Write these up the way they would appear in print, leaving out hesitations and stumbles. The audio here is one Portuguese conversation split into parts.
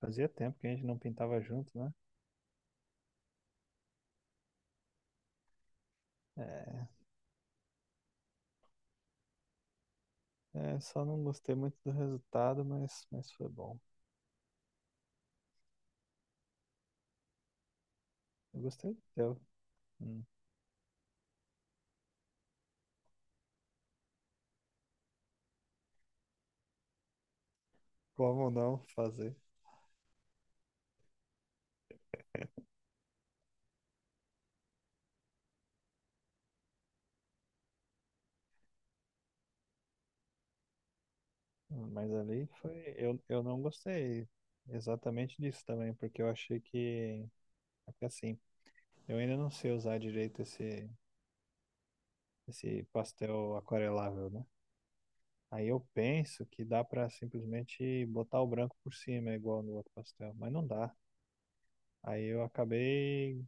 Fazia tempo que a gente não pintava junto, né? É, é, só não gostei muito do resultado, mas foi bom. Eu gostei do teu. Hum. Como não fazer? Hum. Mas ali foi. Eu não gostei exatamente disso também, porque eu achei que. Porque assim, eu ainda não sei usar direito esse pastel aquarelável, né? Aí eu penso que dá pra simplesmente botar o branco por cima, igual no outro pastel, mas não dá. Aí eu acabei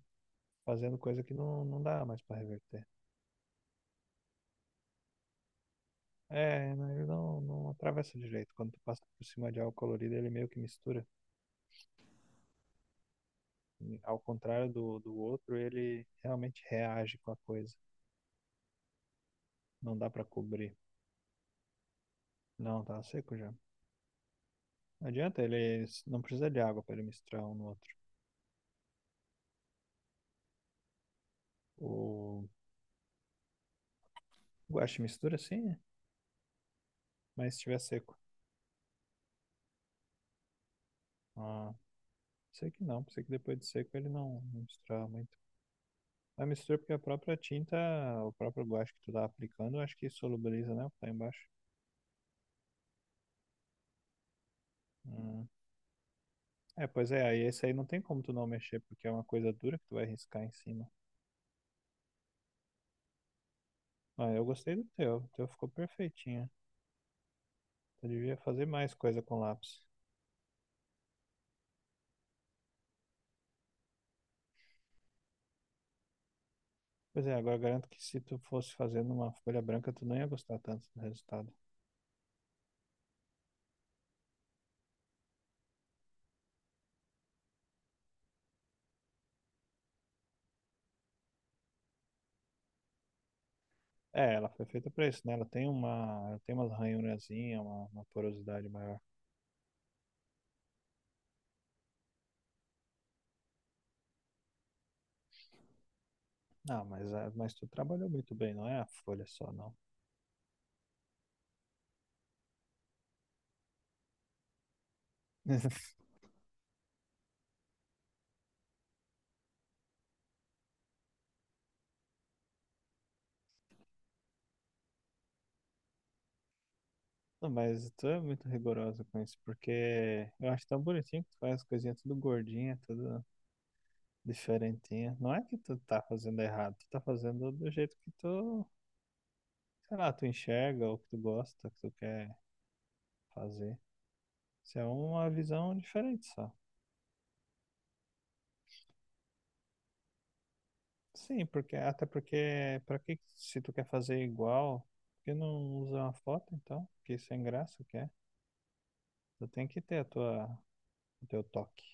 fazendo coisa que não dá mais pra reverter. É, né, ele não atravessa direito. Quando tu passa por cima de algo colorido, ele meio que mistura. E, ao contrário do outro, ele realmente reage com a coisa. Não dá pra cobrir. Não, tá seco já. Não adianta, não precisa de água pra ele misturar um no outro. O guache mistura, sim, né? Mas se estiver seco. Ah, sei que não, pensei que depois de seco ele não misturava muito. A mistura porque a própria tinta, o próprio guache que tu tá aplicando, eu acho que solubiliza, né? O que tá embaixo. Hum. É, pois é, aí esse aí não tem como tu não mexer, porque é uma coisa dura que tu vai riscar em cima. Ah, eu gostei do teu, o teu ficou perfeitinho. Tu devia fazer mais coisa com lápis. Pois é, agora garanto que se tu fosse fazendo uma folha branca, tu não ia gostar tanto do resultado. É, ela foi feita pra isso, né? Ela tem uma, ela tem umas ranhurazinhas, uma porosidade maior. Ah, mas, mas tu trabalhou muito bem, não é a folha só, não. Não, mas tu é muito rigorosa com isso, porque eu acho tão bonitinho que tu faz as coisinhas tudo gordinha, tudo diferentinha. Não é que tu tá fazendo errado, tu tá fazendo do jeito que tu, sei lá, tu enxerga ou que tu gosta, que tu quer fazer. Isso é uma visão diferente só. Sim, porque até porque pra que se tu quer fazer igual, por que não usa uma foto então? Que sem graça que é. Tu tem que ter a tua, o teu toque.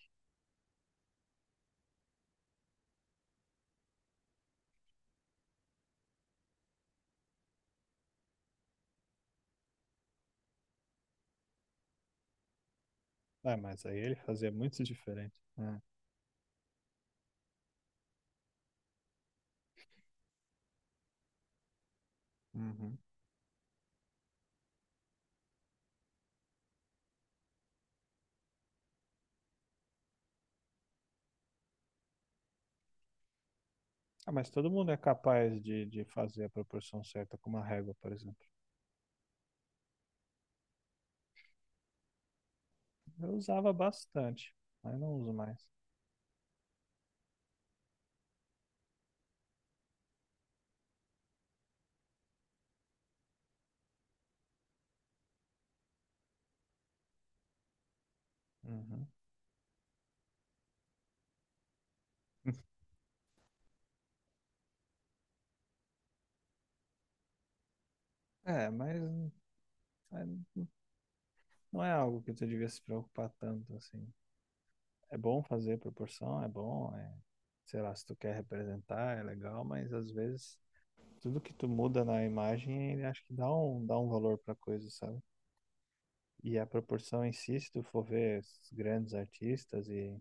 Ah, mas aí ele fazia muito diferente, né? Uhum. Ah, mas todo mundo é capaz de fazer a proporção certa com uma régua, por exemplo. Eu usava bastante, mas não uso mais. Uhum. É, mas é, não é algo que tu devia se preocupar tanto, assim. É bom fazer proporção, é bom, é, sei lá, se tu quer representar, é legal, mas às vezes tudo que tu muda na imagem, ele acho que dá um valor pra coisa, sabe? E a proporção em si, se tu for ver esses grandes artistas e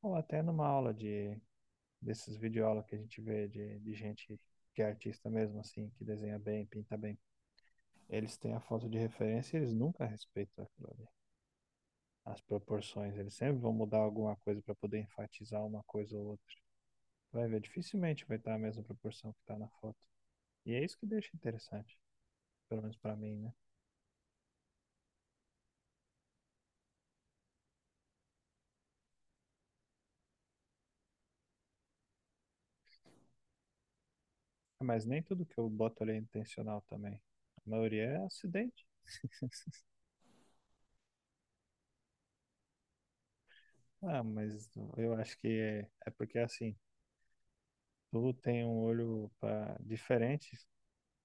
ou até numa aula de desses videoaulas que a gente vê de gente que é artista mesmo, assim, que desenha bem, pinta bem. Eles têm a foto de referência e eles nunca respeitam aquilo ali. As proporções, eles sempre vão mudar alguma coisa para poder enfatizar uma coisa ou outra. Vai ver, dificilmente vai estar a mesma proporção que está na foto. E é isso que deixa interessante, pelo menos para mim, né? Ah, mas nem tudo que eu boto ali é intencional também. A maioria é acidente. Ah, mas eu acho que é porque assim, tu tem um olho pra, diferente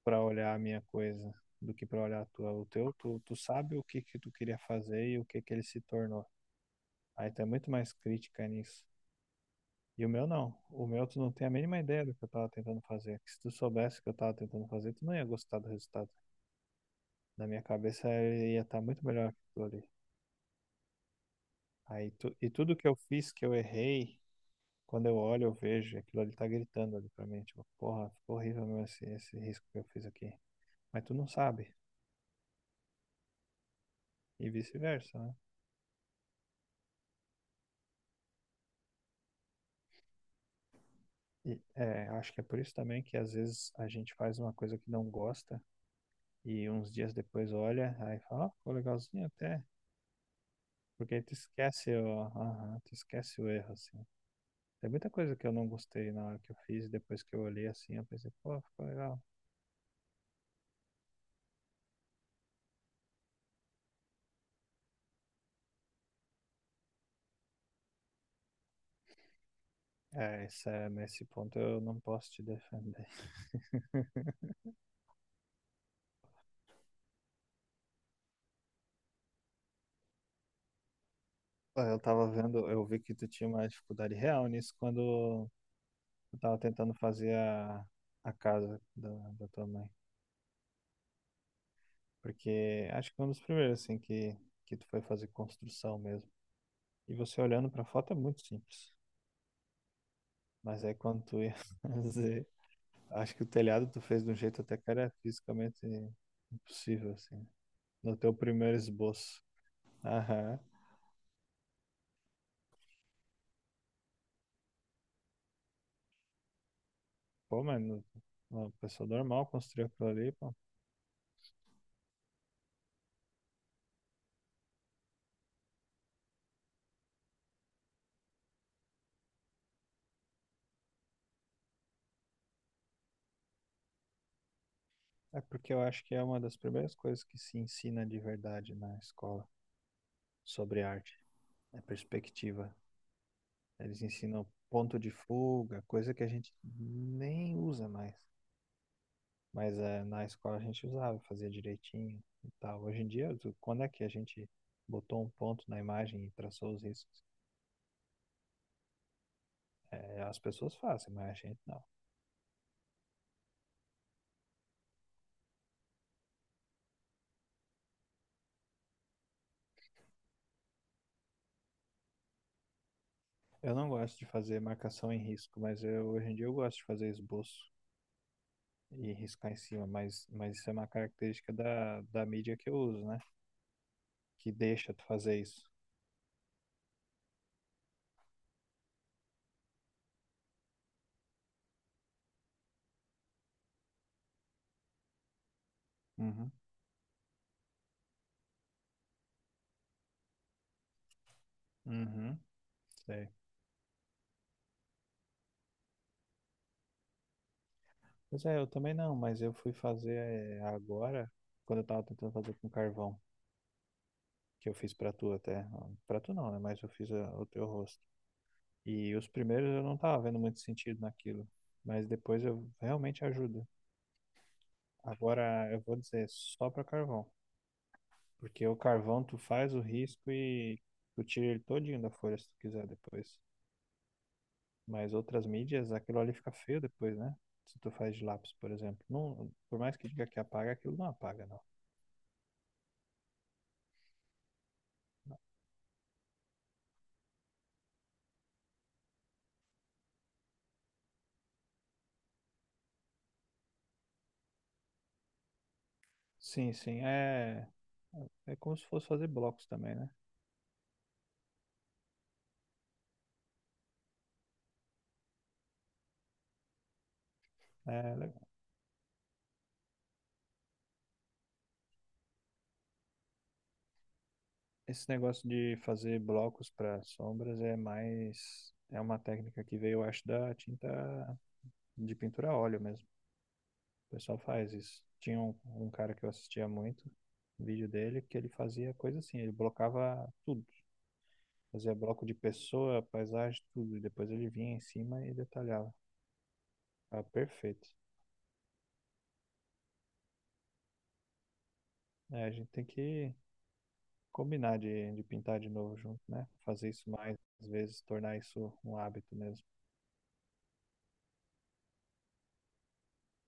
para olhar a minha coisa do que para olhar a tua. O teu, tu sabe o que que tu queria fazer e o que que ele se tornou. Aí tu é muito mais crítica nisso. E o meu não. O meu tu não tem a mínima ideia do que eu tava tentando fazer. Que se tu soubesse o que eu tava tentando fazer, tu não ia gostar do resultado. Na minha cabeça ia estar muito melhor que aquilo ali. Aí tu, e tudo que eu fiz que eu errei, quando eu olho, eu vejo, aquilo ali tá gritando ali pra mim, tipo, porra, ficou horrível meu esse, esse risco que eu fiz aqui. Mas tu não sabe. E vice-versa, né? E é, acho que é por isso também que às vezes a gente faz uma coisa que não gosta e uns dias depois olha, aí fala, ó, ficou legalzinho até. Porque aí tu esquece o, aham, tu esquece o erro, assim. Tem muita coisa que eu não gostei na hora que eu fiz, e depois que eu olhei assim, eu pensei, pô, ficou legal. É, isso é, nesse ponto eu não posso te defender. Pô, eu tava vendo, eu vi que tu tinha uma dificuldade real nisso quando eu tava tentando fazer a casa da tua mãe. Porque acho que foi um dos primeiros, assim, que tu foi fazer construção mesmo. E você olhando pra foto é muito simples. Mas aí quando tu ia fazer. Acho que o telhado tu fez de um jeito até que era fisicamente impossível, assim. No teu primeiro esboço. Aham. Pô, mas no- Uma pessoa normal construiu aquilo ali, pô. É porque eu acho que é uma das primeiras coisas que se ensina de verdade na escola sobre arte. É perspectiva. Eles ensinam ponto de fuga, coisa que a gente nem usa mais. Mas na escola a gente usava, fazia direitinho e tal. Hoje em dia, quando é que a gente botou um ponto na imagem e traçou os riscos? É, as pessoas fazem, mas a gente não. Eu não gosto de fazer marcação em risco, mas eu, hoje em dia eu gosto de fazer esboço e riscar em cima, mas isso é uma característica da mídia que eu uso, né? Que deixa tu fazer isso. Uhum, uhum, sei. Pois é, eu também não, mas eu fui fazer é, agora, quando eu tava tentando fazer com carvão, que eu fiz pra tu até. Pra tu não, né? Mas eu fiz o teu rosto. E os primeiros eu não tava vendo muito sentido naquilo, mas depois eu realmente ajuda. Agora, eu vou dizer só para carvão, porque o carvão tu faz o risco e tu tira ele todinho da folha se tu quiser depois. Mas outras mídias, aquilo ali fica feio depois, né? Se tu faz de lápis, por exemplo. Não, por mais que diga que apaga, aquilo não apaga, não. Sim, sim, é, é como se fosse fazer blocos também, né? É, legal. Esse negócio de fazer blocos para sombras é mais. É uma técnica que veio, eu acho, da tinta de pintura a óleo mesmo. O pessoal faz isso. Tinha um, um cara que eu assistia muito, um vídeo dele, que ele fazia coisa assim, ele blocava tudo. Fazia bloco de pessoa, paisagem, tudo. E depois ele vinha em cima e detalhava. Ah, perfeito. É, a gente tem que combinar de pintar de novo junto, né? Fazer isso mais, às vezes, tornar isso um hábito mesmo.